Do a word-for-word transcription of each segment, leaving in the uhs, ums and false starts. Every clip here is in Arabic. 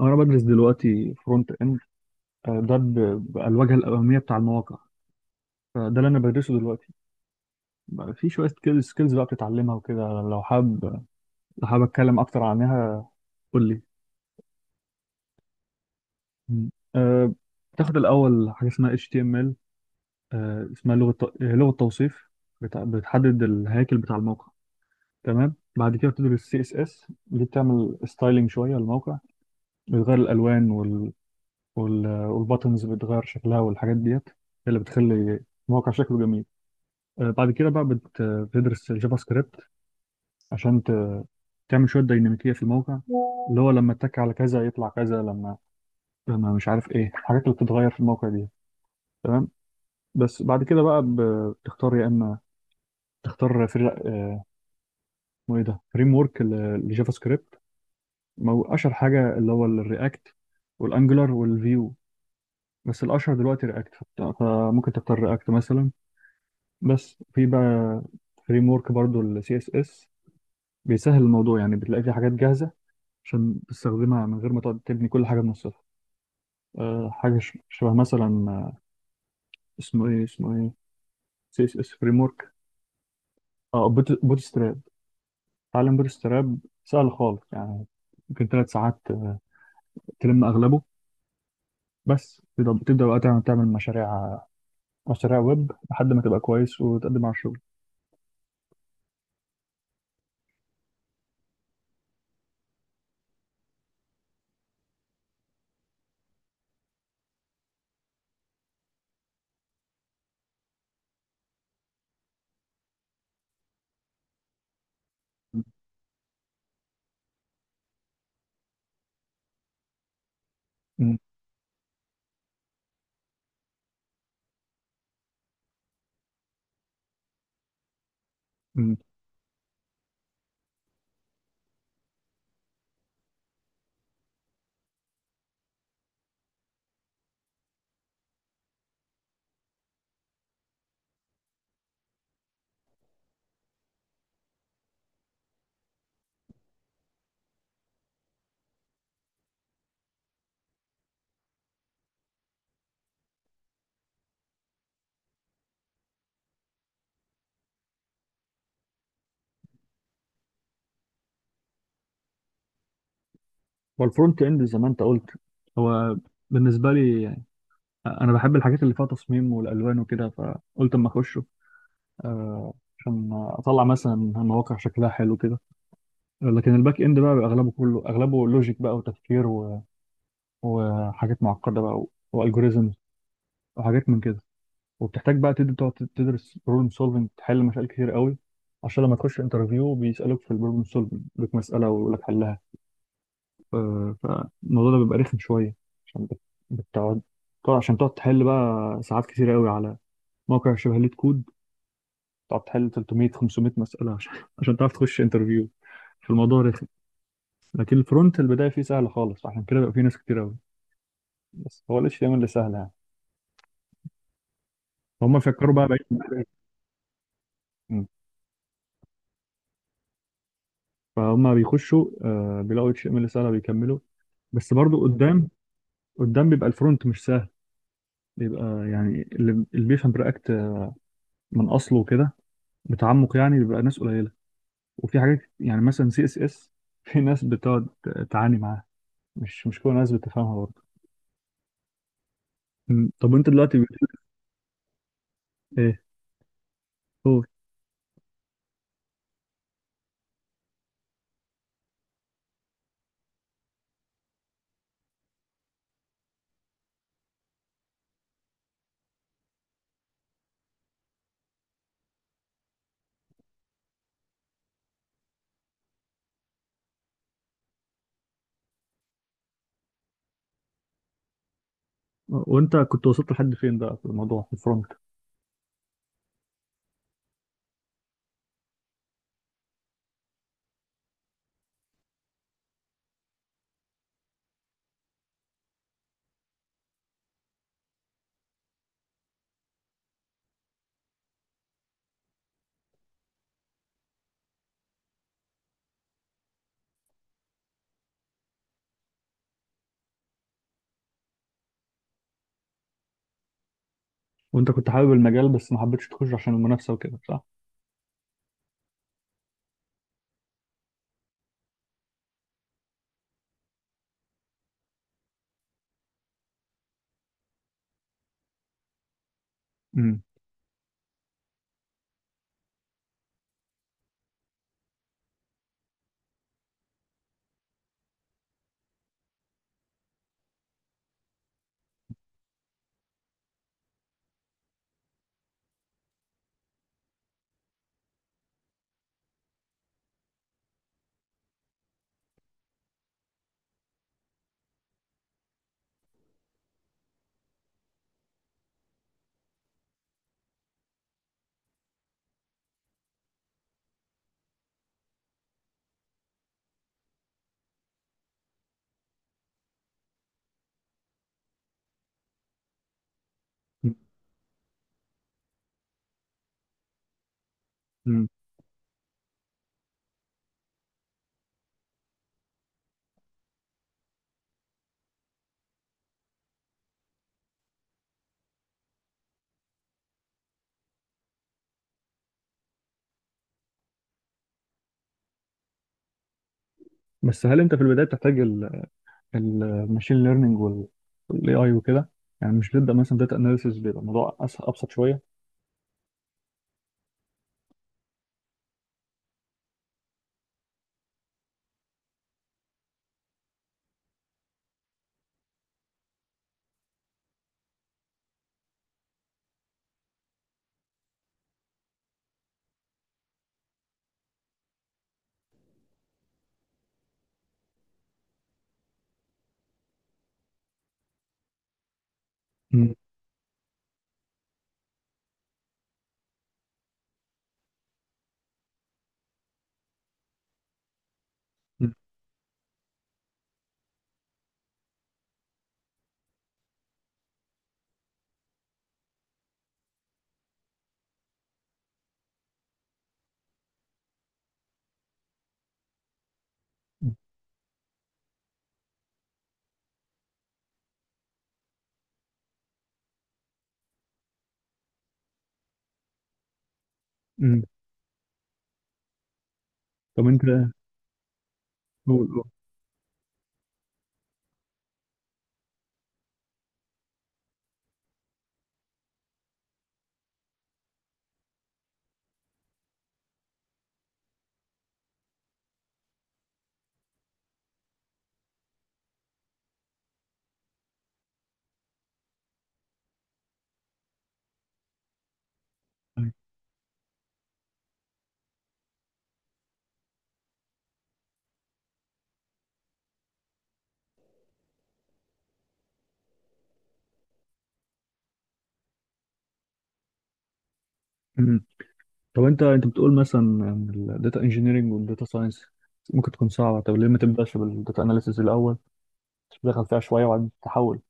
انا بدرس دلوقتي فرونت اند. آه، ده ب- بقى الواجهه الاماميه بتاع المواقع، فده اللي انا بدرسه دلوقتي. بقى في شويه سكيلز سكيلز بقى بتتعلمها وكده، لو حابب لو حابب اتكلم اكتر عنها، قول لي. مم. أه بتاخد الاول حاجه اسمها H T M L. أه اسمها لغه ت- آه، لغه توصيف، بت- بتحدد الهيكل بتاع الموقع. تمام. بعد كده بتدرس سي إس إس، دي بتعمل ستايلينج شويه للموقع، بتغير الالوان وال... وال... والباتنز بتغير شكلها، والحاجات ديت هي اللي بتخلي الموقع شكله جميل. آه، بعد كده بقى بت- بتدرس الجافا سكريبت عشان ت- تعمل شوية ديناميكية في الموقع، اللي هو لما اتك على كذا يطلع كذا، لما لما مش عارف ايه الحاجات اللي بتتغير في الموقع دي. تمام. بس بعد كده بقى بتختار، يا اما تختار فري آه، اسمه ايه ده، فريم ورك للجافا سكريبت. مو- اشهر حاجة اللي هو الرياكت والانجلر والفيو، بس الاشهر دلوقتي رياكت، فممكن تختار رياكت مثلا. بس في بقى فريم ورك برضه السي اس اس، بيسهل الموضوع، يعني بتلاقي في حاجات جاهزة عشان تستخدمها من غير ما تقعد تبني كل حاجة من الصفر. آه، حاجة ش- شبه مثلا آه، اسمه ايه اسمه ايه، سي اس اس فريم ورك. اه بوت بوت ستراب. تعلم بوت ستراب سهل خالص يعني. ممكن ثلاث ساعات آه، تلم اغلبه. بس تبدأ، بتبدأ بقى تعمل تعمل مشاريع مشاريع ويب لحد ما تبقى كويس وتقدم على الشغل. م- م. والفرونت اند، زي ما انت قلت، هو بالنسبة لي يعني، أنا بحب الحاجات اللي فيها تصميم والألوان وكده، فقلت أما أخش. آه، عشان اطلع مثلا مواقع شكلها حلو كده. لكن الباك اند بقى، بيبقى اغلبه، كله اغلبه لوجيك بقى وتفكير و... وحاجات معقده بقى و... والجوريزمز وحاجات من كده. وبتحتاج بقى تد- تقعد تدرس بروبلم سولفنج، تحل مشاكل كتير قوي، عشان لما تخش انترفيو بيسالوك في البروبلم سولفنج، يدوك مساله ويقول لك حلها. آه، فالموضوع ده بيبقى رخم شويه، عشان بت- بتقعد. طبعا عشان تقعد تحل بقى ساعات كتير قوي على موقع شبه ليت كود، تقعد تحل ثلاثمائة خمسمائة مساله عشان عشان تعرف تخش انترفيو. في الموضوع رخم. لكن الفرونت البدايه فيه سهله خالص، عشان كده بقى فيه ناس كتير قوي، بس هو ال إتش تي إم إل اللي سهل يعني، هم فكروا بقى بعيد عن الحاجة. فهم بيخشوا آه، بيلاقوا إتش تي إم إل سهله، بيكملوا. بس برضو قدام، قدام بيبقى الفرونت مش سهل، بيبقى يعني اللي اللي بيفهم رياكت من اصله كده بتعمق يعني بيبقى ناس قليله. وفي حاجات يعني مثلا سي اس اس، في ناس بتقعد تعاني معاها، مش مش كل الناس بتفهمها برضه. م. طب انت دلوقتي بت- ايه هو. وانت كنت وصلت لحد فين بقى في الموضوع، في الفرونت؟ وانت كنت حابب المجال بس ما حبيتش تخش عشان المنافسه وكده، صح؟ امم امم بس هل انت في البدايه بتحتاج الماشين ليرنينج والاي اي وكده، يعني مش بتبدا مثلا داتا اناليسيس، بيبقى الموضوع أس- ابسط شويه؟ امم امم طب انت، قول قول. مم. طب انت انت بتقول مثلا ان الداتا انجينيرنج والداتا ساينس ممكن تكون صعبه، طب ليه ما تبداش بالداتا اناليسيس الاول، تدخل فيها شويه وبعدين تحول؟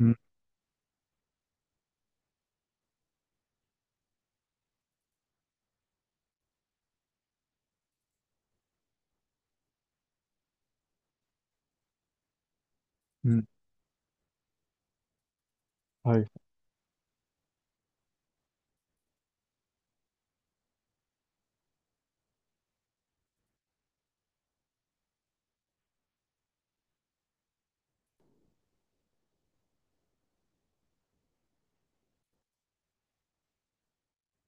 امم امم ايوه.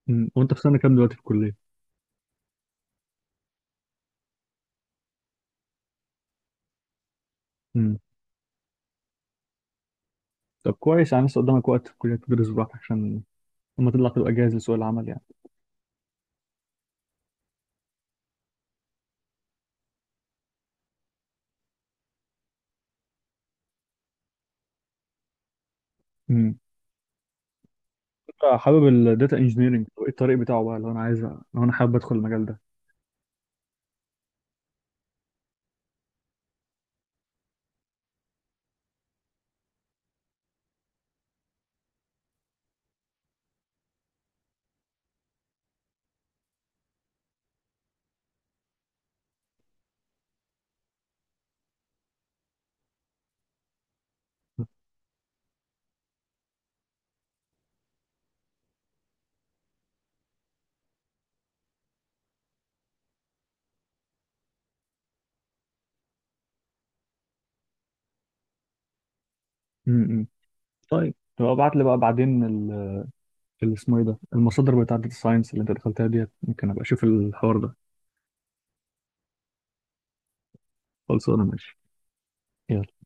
مم. وانت في سنه كام دلوقتي في الكليه؟ طب كويس، يعني لسه قدامك وقت في الكلية تدرس براحتك، عشان لما تطلع تبقى جاهز لسوق العمل يعني. امم أنت حابب الداتا انجينيرنج، وايه الطريق بتاعه بقى؟ لو انا عايز لو انا حابب ادخل المجال ده. امم طيب تبقى ابعت لي بقى بعدين ال- اللي اسمه ايه ده، المصادر بتاعت الداتا ساينس اللي انت دخلتها ديت، ممكن ابقى اشوف الحوار ده. خلصانه، ماشي. يلا.